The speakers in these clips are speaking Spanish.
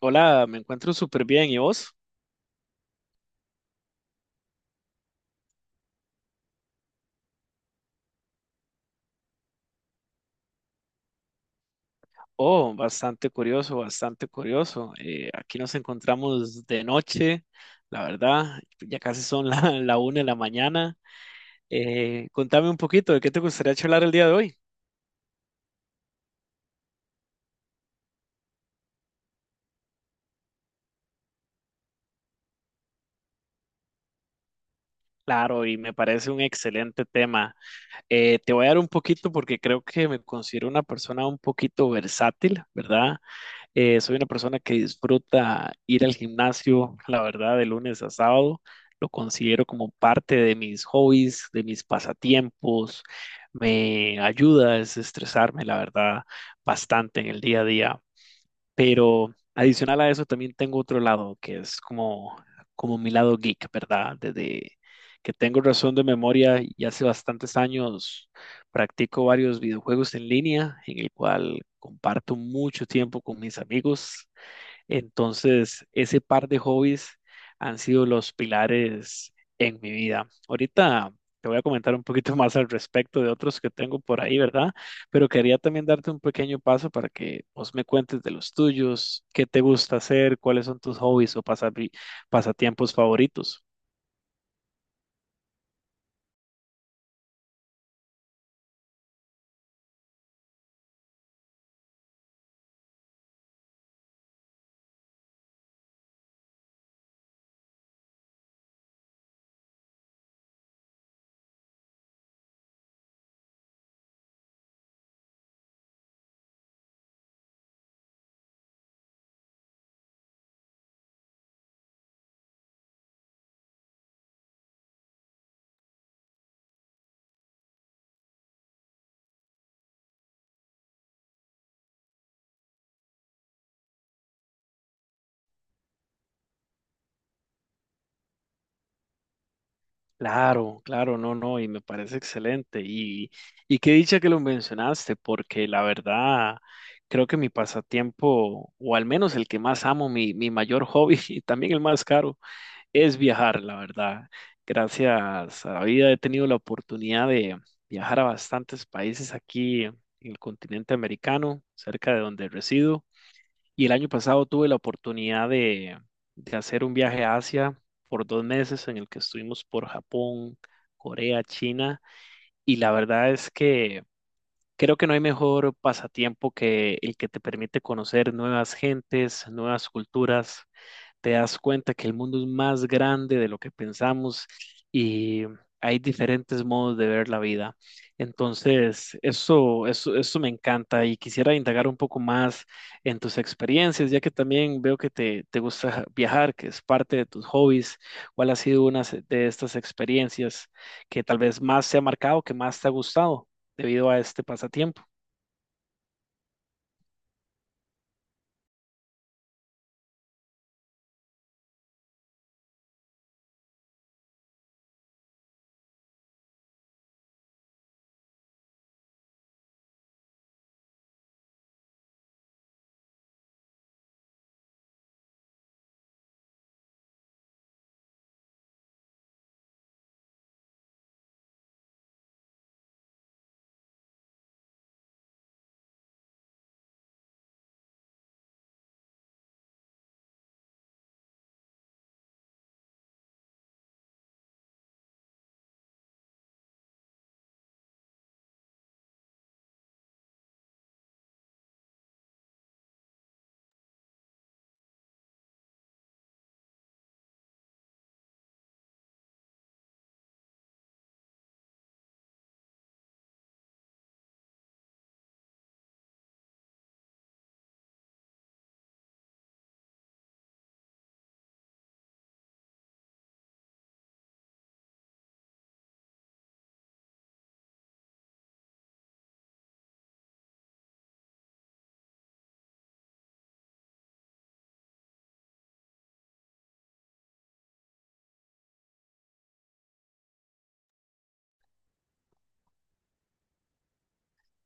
Hola, me encuentro súper bien. ¿Y vos? Oh, bastante curioso, bastante curioso. Aquí nos encontramos de noche, la verdad, ya casi son la una de la mañana. Contame un poquito de qué te gustaría charlar el día de hoy. Claro, y me parece un excelente tema. Te voy a dar un poquito porque creo que me considero una persona un poquito versátil, ¿verdad? Soy una persona que disfruta ir al gimnasio, la verdad, de lunes a sábado. Lo considero como parte de mis hobbies, de mis pasatiempos. Me ayuda a desestresarme, la verdad, bastante en el día a día. Pero adicional a eso también tengo otro lado que es como mi lado geek, ¿verdad? Desde que tengo razón de memoria y hace bastantes años practico varios videojuegos en línea en el cual comparto mucho tiempo con mis amigos. Entonces, ese par de hobbies han sido los pilares en mi vida. Ahorita te voy a comentar un poquito más al respecto de otros que tengo por ahí, ¿verdad? Pero quería también darte un pequeño paso para que vos me cuentes de los tuyos, qué te gusta hacer, cuáles son tus hobbies o pasatiempos favoritos. Claro, claro, no, no, y me parece excelente. Y qué dicha que lo mencionaste, porque la verdad creo que mi pasatiempo, o al menos el que más amo, mi mayor hobby y también el más caro, es viajar, la verdad. Gracias a la vida he tenido la oportunidad de viajar a bastantes países aquí en el continente americano, cerca de donde resido. Y el año pasado tuve la oportunidad de hacer un viaje a Asia por 2 meses en el que estuvimos por Japón, Corea, China. Y la verdad es que creo que no hay mejor pasatiempo que el que te permite conocer nuevas gentes, nuevas culturas, te das cuenta que el mundo es más grande de lo que pensamos y hay diferentes modos de ver la vida. Entonces, eso me encanta y quisiera indagar un poco más en tus experiencias, ya que también veo que te gusta viajar, que es parte de tus hobbies. ¿Cuál ha sido de estas experiencias que tal vez más te ha marcado, que más te ha gustado debido a este pasatiempo?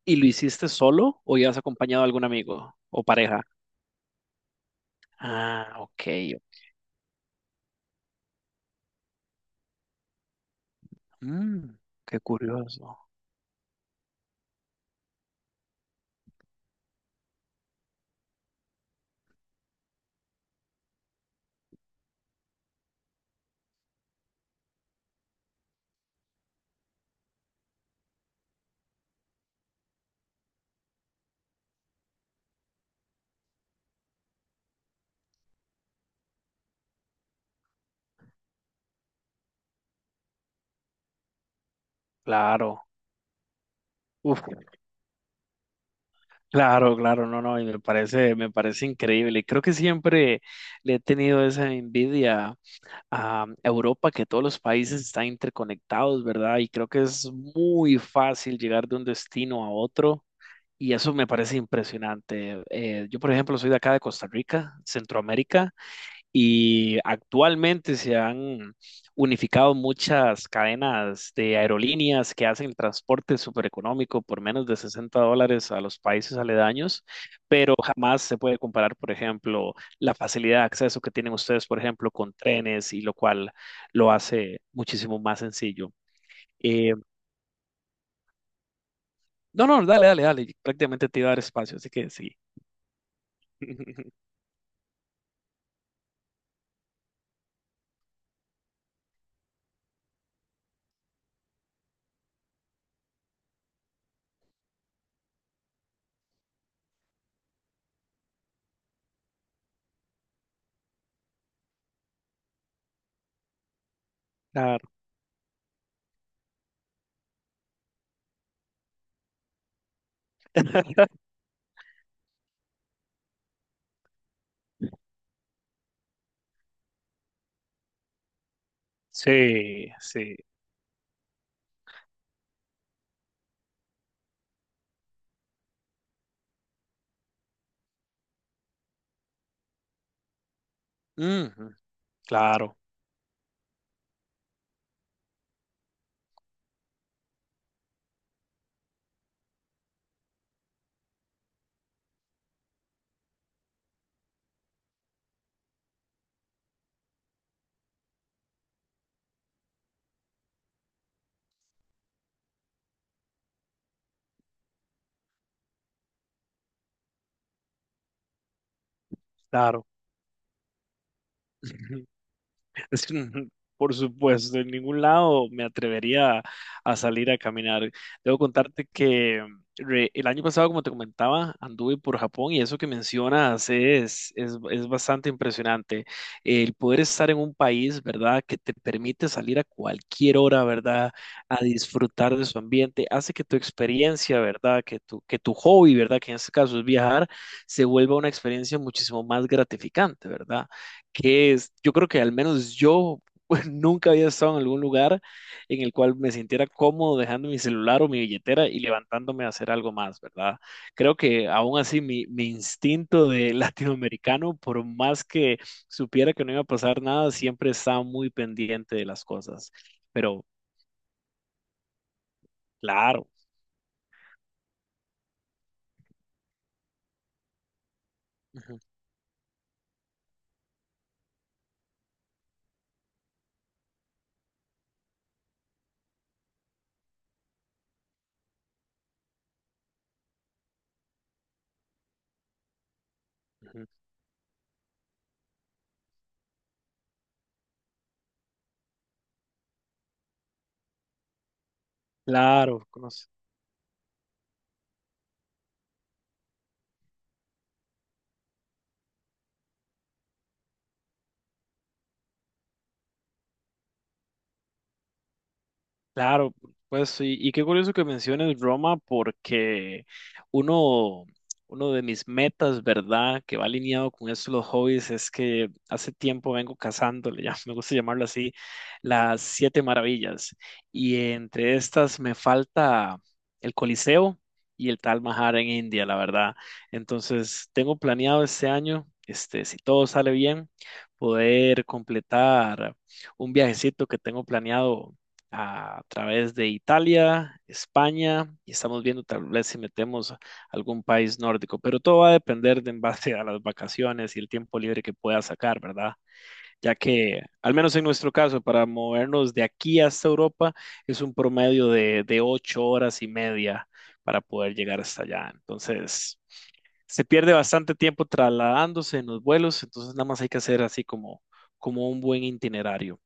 ¿Y lo hiciste solo o ya has acompañado a algún amigo o pareja? Ah, ok. Mm, qué curioso. Claro. Uf, claro, claro, no, no, y me parece increíble. Creo que siempre le he tenido esa envidia a Europa, que todos los países están interconectados, ¿verdad? Y creo que es muy fácil llegar de un destino a otro. Y eso me parece impresionante. Yo, por ejemplo, soy de acá de Costa Rica, Centroamérica. Y actualmente se han unificado muchas cadenas de aerolíneas que hacen el transporte súper económico por menos de $60 a los países aledaños, pero jamás se puede comparar, por ejemplo, la facilidad de acceso que tienen ustedes, por ejemplo, con trenes, y lo cual lo hace muchísimo más sencillo. Eh, no, no, dale, dale, dale, prácticamente te iba a dar espacio, así que sí. Claro. Sí, sí. Ujú, claro, claro. Es un- Por supuesto, en ningún lado me atrevería a salir a caminar. Debo contarte que el año pasado, como te comentaba, anduve por Japón y eso que mencionas es bastante impresionante. El poder estar en un país, ¿verdad?, que te permite salir a cualquier hora, ¿verdad?, a disfrutar de su ambiente, hace que tu experiencia, ¿verdad?, que tu, hobby, ¿verdad?, que en este caso es viajar, se vuelva una experiencia muchísimo más gratificante, ¿verdad?, que es, yo creo que al menos yo nunca había estado en algún lugar en el cual me sintiera cómodo dejando mi celular o mi billetera y levantándome a hacer algo más, ¿verdad? Creo que aún así mi, instinto de latinoamericano, por más que supiera que no iba a pasar nada, siempre estaba muy pendiente de las cosas. Pero claro, ujú, ujú, claro. Claro, pues y qué curioso que menciones Roma porque uno, uno de mis metas, ¿verdad?, que va alineado con esto de los hobbies es que hace tiempo vengo cazando, me gusta llamarlo así, las siete maravillas. Y entre estas me falta el Coliseo y el Taj Mahal en India, la verdad. Entonces tengo planeado este año, este, si todo sale bien, poder completar un viajecito que tengo planeado a través de Italia, España, y estamos viendo tal vez si metemos algún país nórdico, pero todo va a depender de en base a las vacaciones y el tiempo libre que pueda sacar, ¿verdad? Ya que, al menos en nuestro caso, para movernos de aquí hasta Europa es un promedio de 8 horas y media para poder llegar hasta allá. Entonces, se pierde bastante tiempo trasladándose en los vuelos, entonces nada más hay que hacer así como, como un buen itinerario.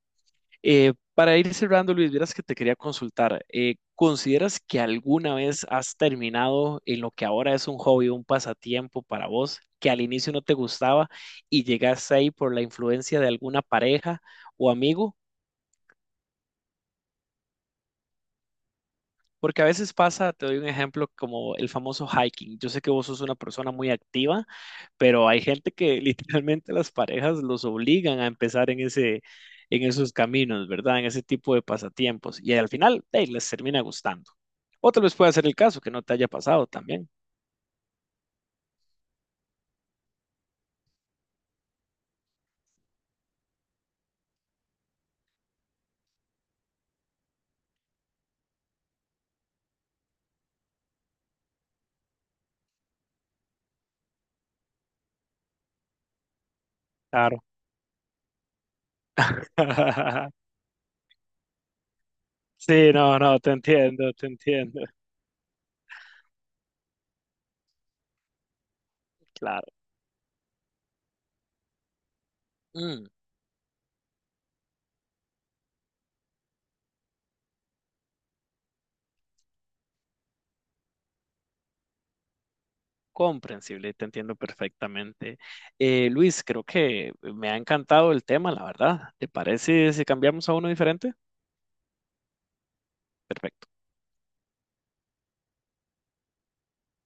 Para ir cerrando, Luis, vieras que te quería consultar. ¿Consideras que alguna vez has terminado en lo que ahora es un hobby, un pasatiempo para vos, que al inicio no te gustaba y llegaste ahí por la influencia de alguna pareja o amigo? Porque a veces pasa, te doy un ejemplo, como el famoso hiking. Yo sé que vos sos una persona muy activa, pero hay gente que literalmente las parejas los obligan a empezar en ese, en esos caminos, ¿verdad? En ese tipo de pasatiempos. Y al final, hey, les termina gustando. O tal vez pueda ser el caso que no te haya pasado también. Claro. Sí, no, no, te entiendo, te entiendo. Claro. Mm, comprensible, te entiendo perfectamente. Luis, creo que me ha encantado el tema, la verdad. ¿Te parece si cambiamos a uno diferente? Perfecto.